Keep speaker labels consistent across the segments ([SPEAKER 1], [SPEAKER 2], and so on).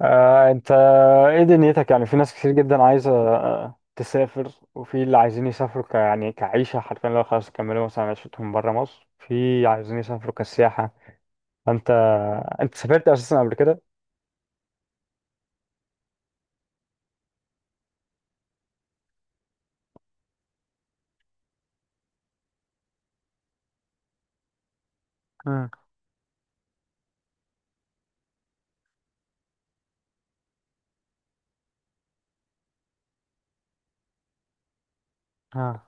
[SPEAKER 1] انت ايه دنيتك، يعني في ناس كتير جدا عايزة تسافر، وفي اللي عايزين يسافروا ك... يعني كعيشة حرفيا لو خلاص كملوا مثلا عيشتهم برا مصر، في عايزين يسافروا كسياحة. انت انت سافرت اساسا قبل كده؟ امم اه.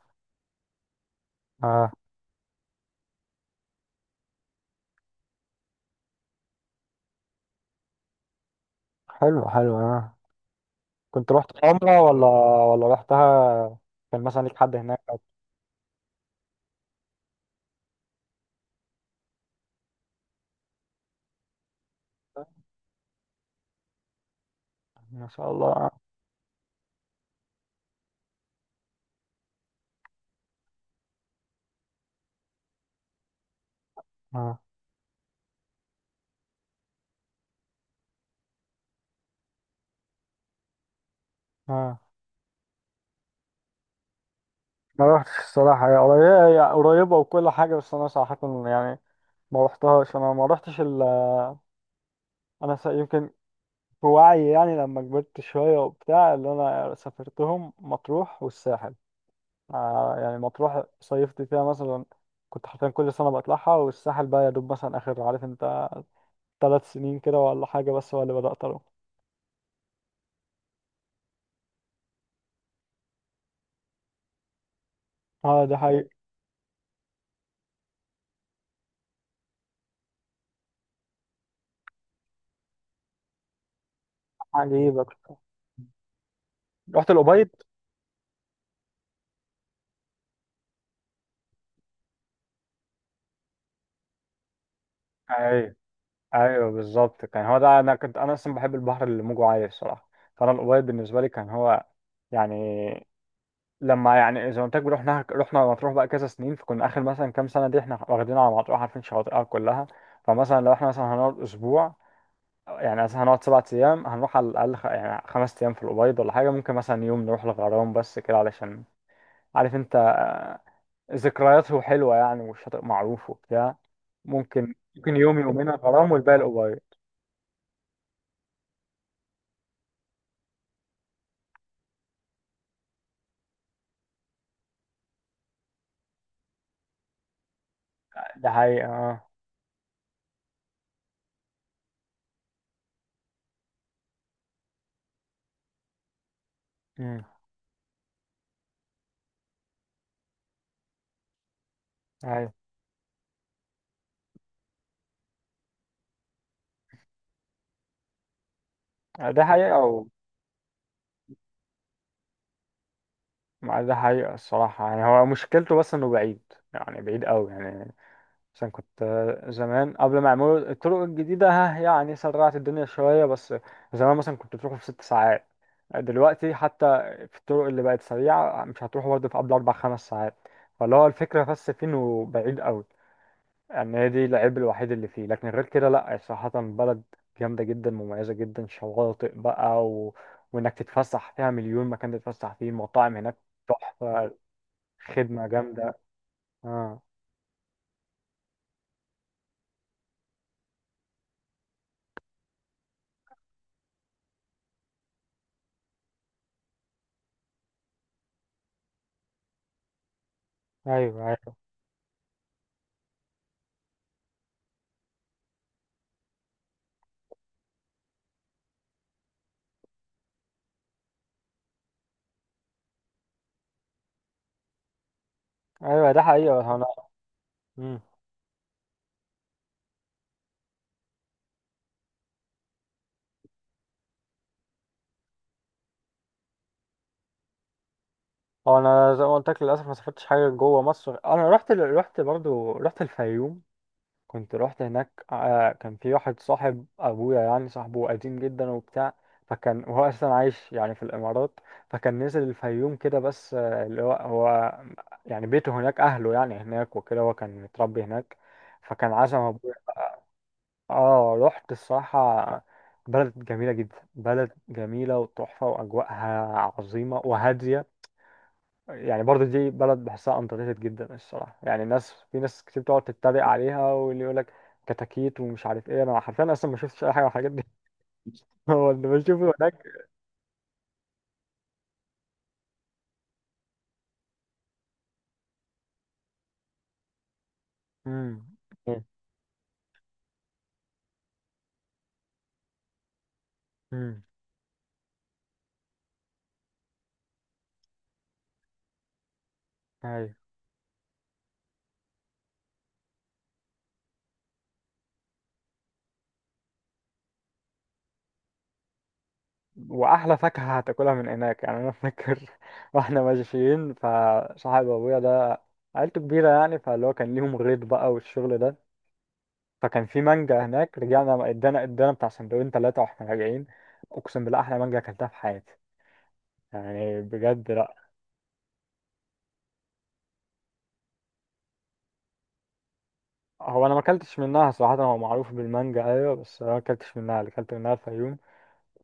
[SPEAKER 1] اه، حلو حلو اه. كنت رحت عمرة ولا رحتها؟ كان مثلا ليك حد هناك او كده؟ ما شاء الله اه. اه اه. ما رحتش الصراحة، هي قريبة هي قريبة وكل حاجة، بس أنا صراحة يعني ما رحتهاش. أنا ما رحتش ال... أنا س... يمكن بوعي يعني لما كبرت شوية وبتاع، اللي أنا سافرتهم مطروح والساحل. آه يعني مطروح صيفت فيها مثلا، كنت حرفيا كل سنة بطلعها، والساحل بقى يا دوب مثلا آخر عارف أنت 3 سنين كده ولا حاجة بس هو اللي بدأت أروح. اه ده حقيقي. عجيب أكتر. رحت الأبيض. ايوه ايوه بالظبط، كان هو ده. انا كنت انا اصلا بحب البحر اللي موجه عالي الصراحه، فانا الابيض بالنسبه لي كان هو يعني، لما يعني زي ما قلت لك، رحنا مطروح بقى كذا سنين، فكنا اخر مثلا كام سنه دي احنا واخدين على مطروح، عارفين شواطئها كلها. فمثلا لو احنا مثلا هنقعد اسبوع، يعني مثلا هنقعد 7 ايام، هنروح على الاقل خ... يعني 5 ايام في الابيض ولا حاجه، ممكن مثلا يوم نروح الغرام بس كده، علشان عارف انت ذكرياته حلوه يعني، والشاطئ معروف وبتاع. ممكن يوم يومين الغرام والباقي الأوبايد. ده حقيقة اه. أمم، أيوة. ده حقيقة و... ده حقيقة الصراحة، يعني هو مشكلته بس إنه بعيد، يعني بعيد أوي يعني. عشان كنت زمان قبل ما يعملوا الطرق الجديدة ها، يعني سرعت الدنيا شوية، بس زمان مثلا كنت بتروحوا في 6 ساعات. دلوقتي حتى في الطرق اللي بقت سريعة مش هتروحوا برضه في قبل 4 خمس ساعات. فاللي هو الفكرة بس فين، وبعيد أوي يعني، هي دي العيب الوحيد اللي فيه. لكن غير كده لأ، صراحة بلد جامدة جدا، مميزة جدا، شواطئ بقى و... وإنك تتفسح فيها مليون مكان تتفسح فيه، مطاعم هناك تحفة، خدمة جامدة. آه. أيوه أيوه أيوه ده حقيقة. أنا، هو انا زي ما قلت لك للاسف ما سافرتش حاجه جوه مصر. انا رحت برضو، رحت الفيوم. كنت رحت هناك كان في واحد صاحب ابويا، يعني صاحبه قديم جدا وبتاع. فكان وهو اساسا عايش يعني في الامارات، فكان نزل الفيوم كده بس اللي هو هو يعني بيته هناك، اهله يعني هناك وكده، هو كان متربي هناك، فكان عزم ابويا. اه رحت الصراحه، بلد جميله جدا، بلد جميله وتحفه، واجواءها عظيمه وهاديه. يعني برضه دي بلد بحسها underrated جدا الصراحة، يعني ناس، في ناس كتير بتقعد تتريق عليها، واللي يقول لك كتاكيت ومش عارف ايه، انا حرفيا اصلا ما شفتش اي حاجة من الحاجات دي. هو اللي بشوفه هناك. امم امم ايوه. واحلى فاكهة هتاكلها من هناك، يعني انا فاكر واحنا ماشيين، فصاحب ابويا ده عيلته كبيرة يعني، فاللي هو كان ليهم غيط بقى والشغل ده، فكان في مانجا هناك. رجعنا ادانا بتاع سندوتشين 3 واحنا راجعين، اقسم بالله احلى مانجا اكلتها في حياتي، يعني بجد لا. هو انا ما اكلتش منها صراحه، هو معروف بالمانجا ايوه بس انا ما اكلتش منها، اللي اكلت منها الفيوم.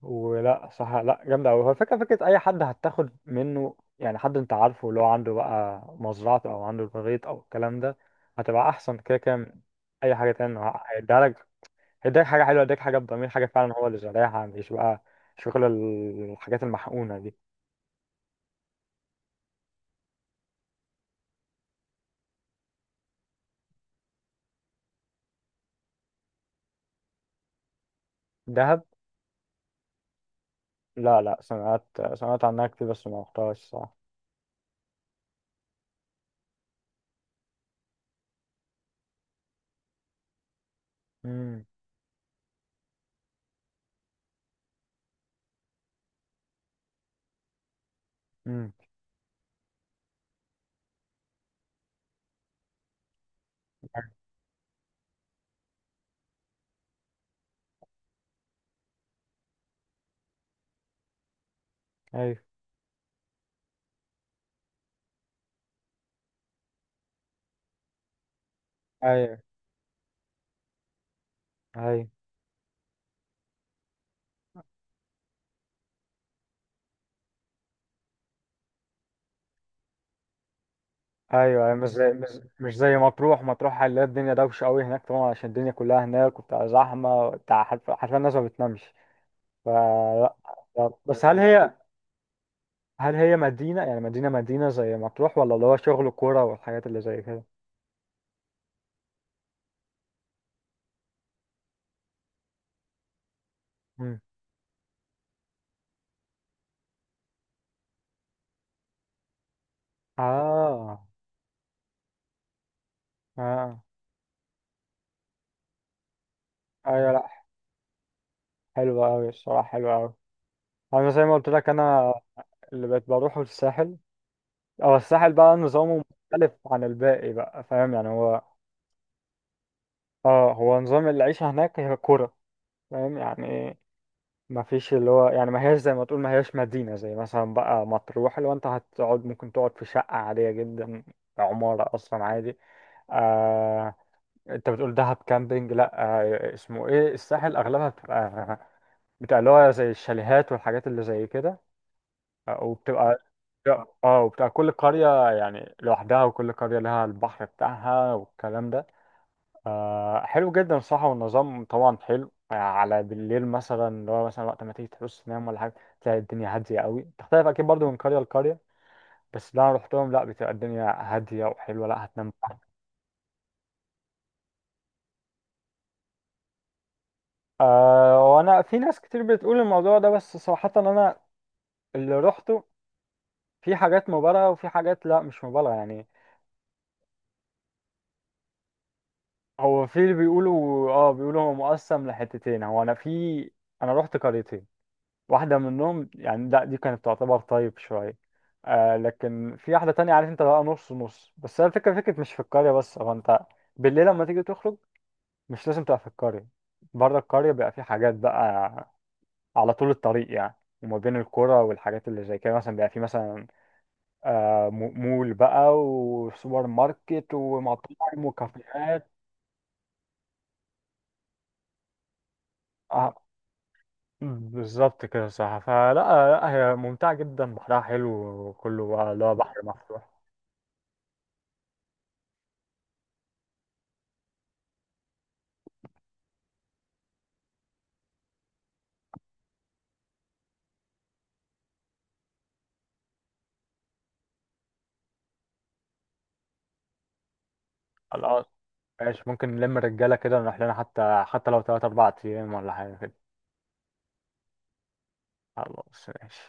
[SPEAKER 1] ولا صح، لا جامده قوي. هو الفكره اي حد هتاخد منه، يعني حد انت عارفه اللي هو عنده بقى مزرعته، او عنده البغيط او الكلام ده، هتبقى احسن كده كده من اي حاجه تانية. هو هيديها لك، هيديك حاجه حلوه، هيديك حاجه بضمير، حاجه فعلا هو اللي زارعها، مش بقى شغل الحاجات المحقونه دي. دهب. لا لا، سمعت، سمعت عنها كتير بس ما رحتهاش صح. امم امم ايوه ايوه. ايوه ايوه أيوة، مش زي مطروح. مطروح هنلاقي الدنيا دوشه قوي هناك طبعا، عشان الدنيا كلها هناك وبتاع، زحمه بتاع حرف- حرفيا الناس ما بتنامش، فلا. بس هل هي، هل هي مدينه يعني، مدينه مدينه زي مطروح، ولا اللي هو شغل كوره والحاجات اللي زي كده؟ مم. اه. اه ايوه لا، حلوه قوي الصراحه، حلوه قوي. انا زي ما قلت لك، انا اللي بقيت بروحه الساحل، او الساحل بقى نظامه مختلف عن الباقي بقى فاهم يعني. هو اه، هو نظام العيشه هناك هي كوره فاهم يعني. ما فيش اللي هو، يعني ما هياش زي ما تقول، ما هياش مدينة زي مثلا بقى مطروح، اللي هو انت هتقعد ممكن تقعد في شقة عادية جدا، عمارة اصلا عادي. آه. انت بتقول دهب كامبينج، لا. آه اسمه ايه، الساحل اغلبها بتبقى، اللي هو زي الشاليهات والحاجات اللي زي كده، وبتبقى، اه وبتبقى كل قرية يعني لوحدها، وكل قرية لها البحر بتاعها والكلام ده. آه حلو جدا صح. والنظام طبعا حلو على بالليل مثلا، اللي هو مثلا وقت ما تيجي تحس تنام ولا حاجة، تلاقي الدنيا هادية قوي. تختلف أكيد برضو من قرية لقرية، بس اللي أنا روحتهم لأ، بتبقى الدنيا هادية وحلوة، لأ هتنام براحتك. آه. وأنا في ناس كتير بتقول الموضوع ده، بس صراحة أنا اللي روحته، في حاجات مبالغة وفي حاجات لأ مش مبالغة يعني. هو في اللي بيقولوا اه، بيقولوا هو مقسم لحتتين، هو أنا في، أنا روحت قريتين، واحدة منهم يعني لا دي كانت تعتبر طيب شوية، آه لكن في واحدة تانية عارف انت بقى نص نص. بس هي الفكرة، مش في القرية بس، هو انت بالليل لما تيجي تخرج مش لازم تبقى في القرية. بره القرية بيبقى في حاجات بقى على طول الطريق يعني، وما بين القرى والحاجات اللي زي كده مثلا بيبقى في مثلا مول بقى وسوبر ماركت ومطاعم وكافيهات. آه بالظبط كده صح. فلا لا، هي ممتعة جدا، بحرها حلو، وكله بقى اللي هو بحر مفتوح. ماشي، ممكن نلم الرجالة كده ونروح لنا، حتى لو 3 أربع أيام ولا حاجة كده. خلاص ماشي.